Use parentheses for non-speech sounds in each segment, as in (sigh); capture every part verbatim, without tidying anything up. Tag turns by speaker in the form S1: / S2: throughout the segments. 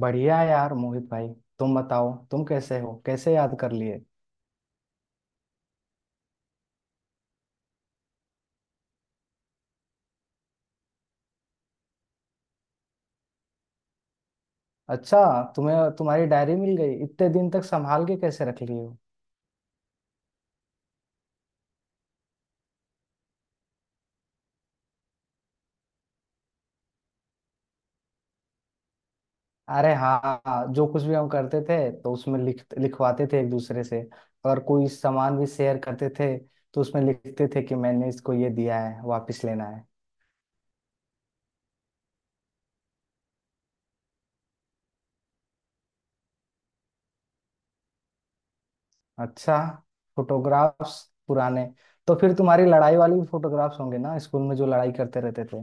S1: बढ़िया है यार मोहित भाई। तुम बताओ तुम कैसे हो, कैसे याद कर लिए। अच्छा, तुम्हें तुम्हारी डायरी मिल गई। इतने दिन तक संभाल के कैसे रख लिए हो। अरे हाँ, जो कुछ भी हम करते थे तो उसमें लिख लिखवाते थे एक दूसरे से। अगर कोई सामान भी शेयर करते थे तो उसमें लिखते थे कि मैंने इसको ये दिया है, वापस लेना है। अच्छा, फोटोग्राफ्स पुराने। तो फिर तुम्हारी लड़ाई वाली भी फोटोग्राफ्स होंगे ना, स्कूल में जो लड़ाई करते रहते थे।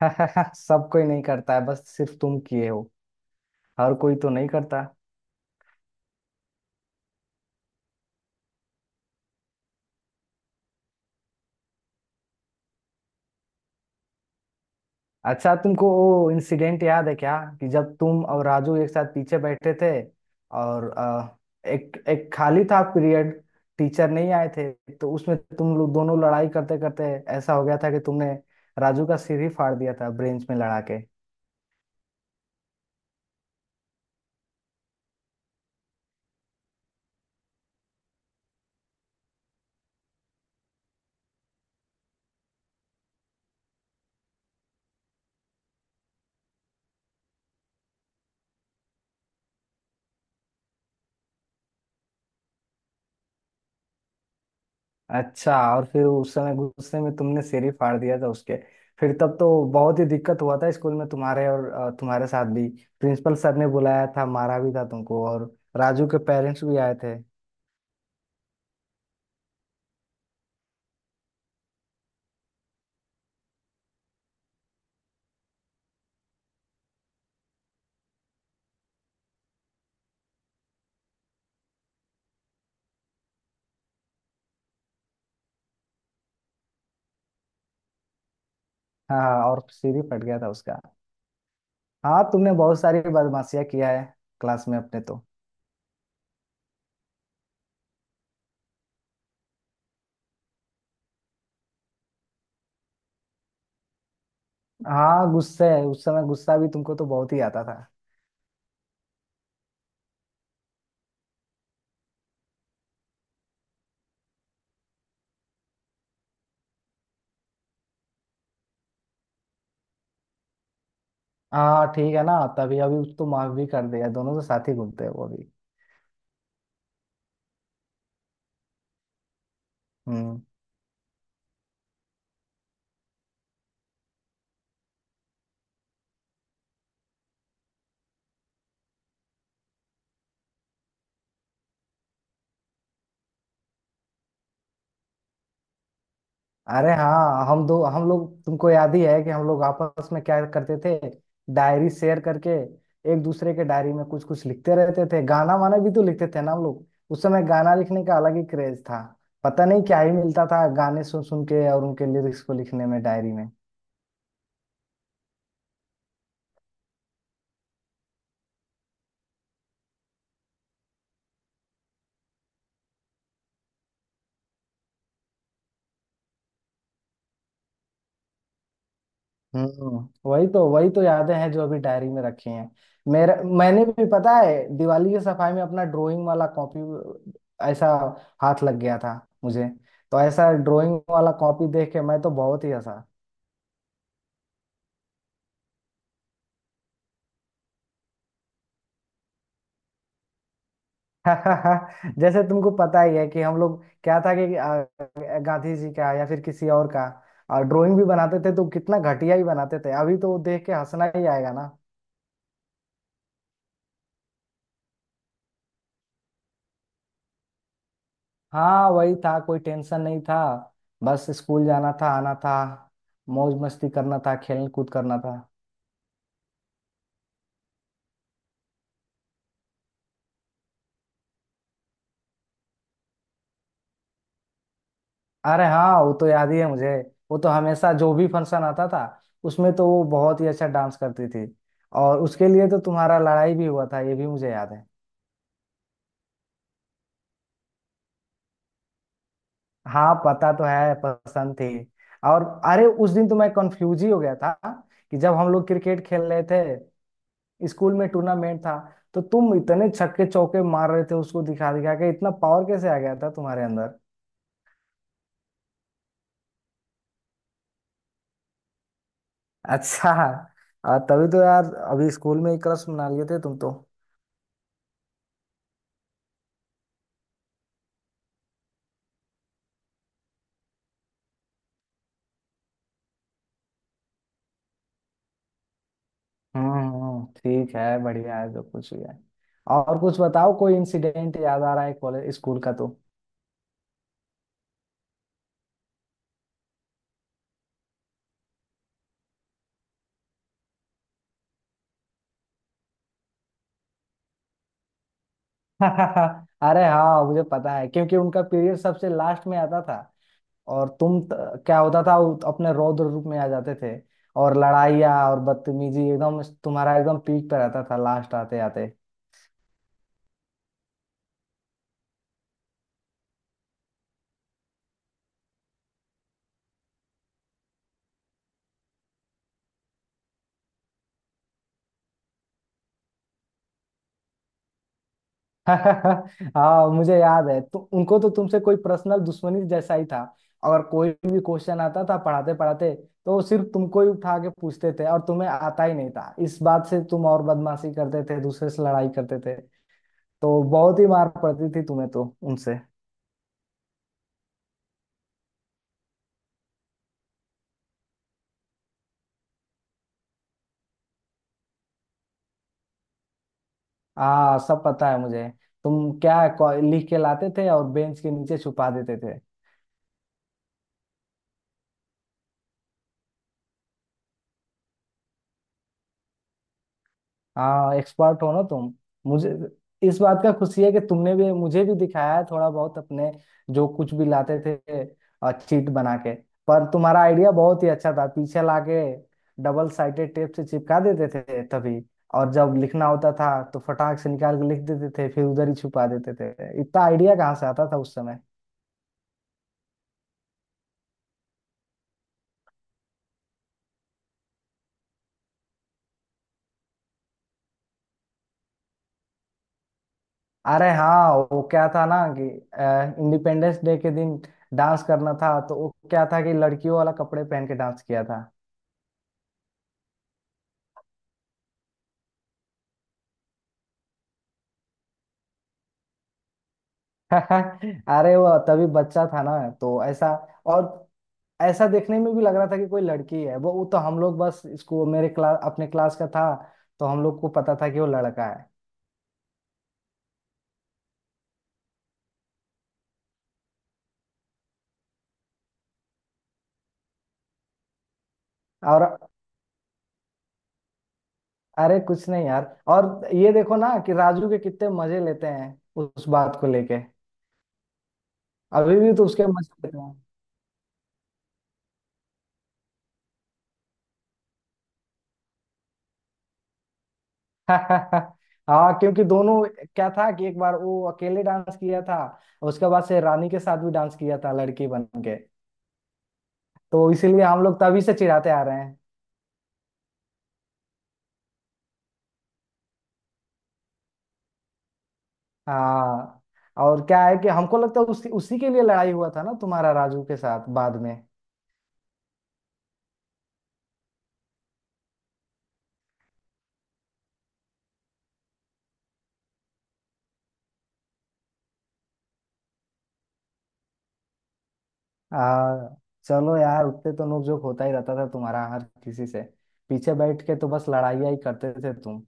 S1: (laughs) सब कोई नहीं करता है, बस सिर्फ तुम किए हो। हर कोई तो नहीं करता। अच्छा, तुमको वो इंसिडेंट याद है क्या कि जब तुम और राजू एक साथ पीछे बैठे थे। और अ, एक एक खाली था पीरियड, टीचर नहीं आए थे। तो उसमें तुम लोग दोनों लड़ाई करते करते ऐसा हो गया था कि तुमने राजू का सिर ही फाड़ दिया था ब्रेंच में लड़ा के। अच्छा, और फिर उस समय गुस्से में तुमने सिर ही फाड़ दिया था उसके। फिर तब तो बहुत ही दिक्कत हुआ था स्कूल में तुम्हारे और अ, तुम्हारे साथ भी। प्रिंसिपल सर ने बुलाया था, मारा भी था तुमको, और राजू के पेरेंट्स भी आए थे। हाँ हाँ, और सिर ही फट गया था उसका। हाँ, तुमने बहुत सारी बदमाशियां किया है क्लास में अपने तो। हाँ गुस्से है, उस समय गुस्सा भी तुमको तो बहुत ही आता था। हाँ ठीक है ना, तभी अभी उसको माफ भी कर दिया, दोनों तो साथ ही घूमते हैं वो भी। हम्म। अरे हाँ, हम दो हम लोग तुमको याद ही है कि हम लोग आपस में क्या करते थे, डायरी शेयर करके। एक दूसरे के डायरी में कुछ कुछ लिखते रहते थे, गाना वाना भी तो लिखते थे ना हम लोग। उस समय गाना लिखने का अलग ही क्रेज था। पता नहीं क्या ही मिलता था गाने सुन सुन के और उनके लिरिक्स को लिखने में डायरी में। हम्म, वही तो वही तो यादें हैं जो अभी डायरी में रखी हैं। मेरा, मैंने भी पता है, दिवाली की सफाई में अपना ड्राइंग वाला कॉपी ऐसा हाथ लग गया था मुझे। तो ऐसा ड्राइंग वाला कॉपी देख के मैं तो बहुत ही हंसा। (laughs) जैसे तुमको पता ही है कि हम लोग, क्या था कि आ, गांधी जी का या फिर किसी और का ड्राइंग भी बनाते थे, तो कितना घटिया ही बनाते थे। अभी तो वो देख के हंसना ही आएगा ना। हाँ वही था, कोई टेंशन नहीं था। बस स्कूल जाना था, आना था, मौज मस्ती करना था, खेल कूद करना था। अरे हाँ, वो तो याद ही है मुझे। वो तो हमेशा जो भी फंक्शन आता था उसमें तो वो बहुत ही अच्छा डांस करती थी। और उसके लिए तो तुम्हारा लड़ाई भी हुआ था, ये भी मुझे याद है। हाँ, पता तो है पसंद थी। और अरे, उस दिन तो मैं कंफ्यूज ही हो गया था कि जब हम लोग क्रिकेट खेल रहे थे स्कूल में, टूर्नामेंट था, तो तुम इतने छक्के चौके मार रहे थे उसको दिखा दिखा के। इतना पावर कैसे आ गया था तुम्हारे अंदर। अच्छा, आ, तभी तो यार अभी स्कूल में ही क्रश मना लिए थे तुम तो। हम्म हम्म, ठीक है, बढ़िया है जो कुछ भी है। और कुछ बताओ, कोई इंसिडेंट याद आ रहा है कॉलेज स्कूल का तो। (laughs) अरे हाँ, मुझे पता है, क्योंकि उनका पीरियड सबसे लास्ट में आता था। और तुम त, क्या होता था वो अपने रौद्र रूप में आ जाते थे। और लड़ाइया और बदतमीजी एकदम तुम्हारा एकदम पीक पे रहता था लास्ट आते आते। (laughs) हाँ मुझे याद है, तो उनको तो तुमसे कोई पर्सनल दुश्मनी जैसा ही था। और कोई भी क्वेश्चन आता था पढ़ाते पढ़ाते तो वो सिर्फ तुमको ही उठा के पूछते थे, और तुम्हें आता ही नहीं था। इस बात से तुम और बदमाशी करते थे, दूसरे से लड़ाई करते थे। तो बहुत ही मार पड़ती थी तुम्हें तो उनसे। हाँ सब पता है मुझे। तुम क्या को- लिख के लाते थे और बेंच के नीचे छुपा देते थे। हाँ, एक्सपर्ट हो ना तुम। मुझे इस बात का खुशी है कि तुमने भी मुझे भी दिखाया है थोड़ा बहुत अपने, जो कुछ भी लाते थे और चीट बना के। पर तुम्हारा आइडिया बहुत ही अच्छा था, पीछे लाके डबल साइडेड टेप से चिपका देते थे तभी। और जब लिखना होता था तो फटाक से निकाल के लिख देते थे, फिर उधर ही छुपा देते थे। इतना आइडिया कहाँ से आता था उस समय। अरे हाँ वो क्या था ना कि इंडिपेंडेंस डे के दिन डांस करना था, तो वो क्या था कि लड़कियों वाला कपड़े पहन के डांस किया था। (laughs) अरे वो तभी बच्चा था ना, तो ऐसा। और ऐसा देखने में भी लग रहा था कि कोई लड़की है। वो वो तो हम लोग बस इसको मेरे क्लास, अपने क्लास का था तो हम लोग को पता था कि वो लड़का है। और अरे कुछ नहीं यार, और ये देखो ना कि राजू के कितने मजे लेते हैं उस बात को लेके। अभी भी तो उसके मजे लेते। (laughs) हाँ क्योंकि दोनों, क्या था कि एक बार वो अकेले डांस किया था, उसके बाद से रानी के साथ भी डांस किया था लड़की बन के। तो इसीलिए हम लोग तभी से चिढ़ाते आ रहे हैं। हाँ, और क्या है कि हमको लगता है उसी उसी के लिए लड़ाई हुआ था ना तुम्हारा राजू के साथ बाद में। आ, चलो यार, उतने तो नोकझोंक होता ही रहता था तुम्हारा हर किसी से। पीछे बैठ के तो बस लड़ाइयाँ ही करते थे तुम।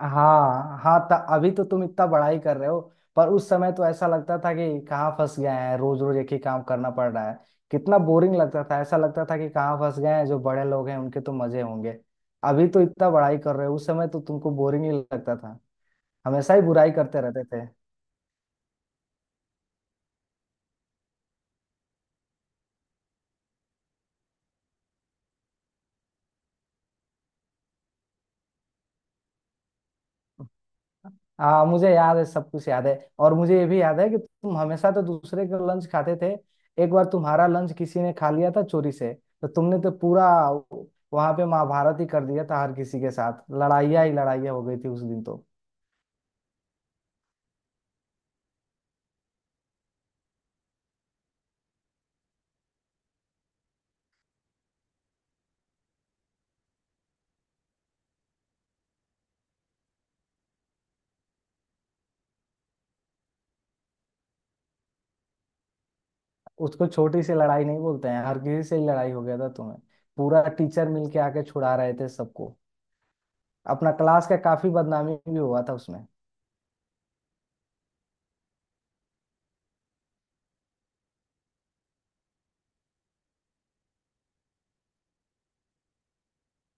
S1: हाँ हाँ त, अभी तो तुम इतना बड़ाई कर रहे हो, पर उस समय तो ऐसा लगता था कि कहाँ फंस गए हैं, रोज रोज एक ही काम करना पड़ रहा है। कितना बोरिंग लगता था, ऐसा लगता था कि कहाँ फंस गए हैं, जो बड़े लोग हैं उनके तो मजे होंगे। अभी तो इतना बड़ाई कर रहे हो, उस समय तो तुमको बोरिंग ही लगता था, हमेशा ही बुराई करते रहते थे। हाँ मुझे याद है, सब कुछ याद है। और मुझे ये भी याद है कि तुम हमेशा तो दूसरे का लंच खाते थे। एक बार तुम्हारा लंच किसी ने खा लिया था चोरी से, तो तुमने तो पूरा वहां पे महाभारत ही कर दिया था। हर किसी के साथ लड़ाइयाँ ही लड़ाइयाँ हो गई थी उस दिन तो। उसको छोटी सी लड़ाई नहीं बोलते हैं, हर किसी से ही लड़ाई हो गया था तुम्हें। पूरा टीचर मिलके आके छुड़ा रहे थे सबको। अपना क्लास का काफी बदनामी भी हुआ था उसमें।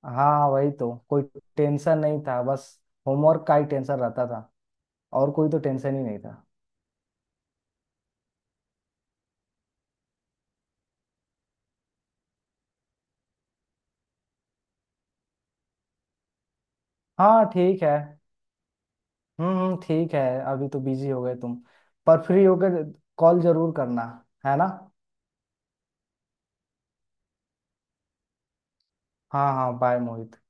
S1: हाँ वही तो, कोई टेंशन नहीं था, बस होमवर्क का ही टेंशन रहता था। और कोई तो टेंशन ही नहीं था। हाँ ठीक है। हम्म हम्म, ठीक है। अभी तो बिजी हो गए तुम, पर फ्री होकर कॉल जरूर करना, है ना। हाँ हाँ, बाय मोहित।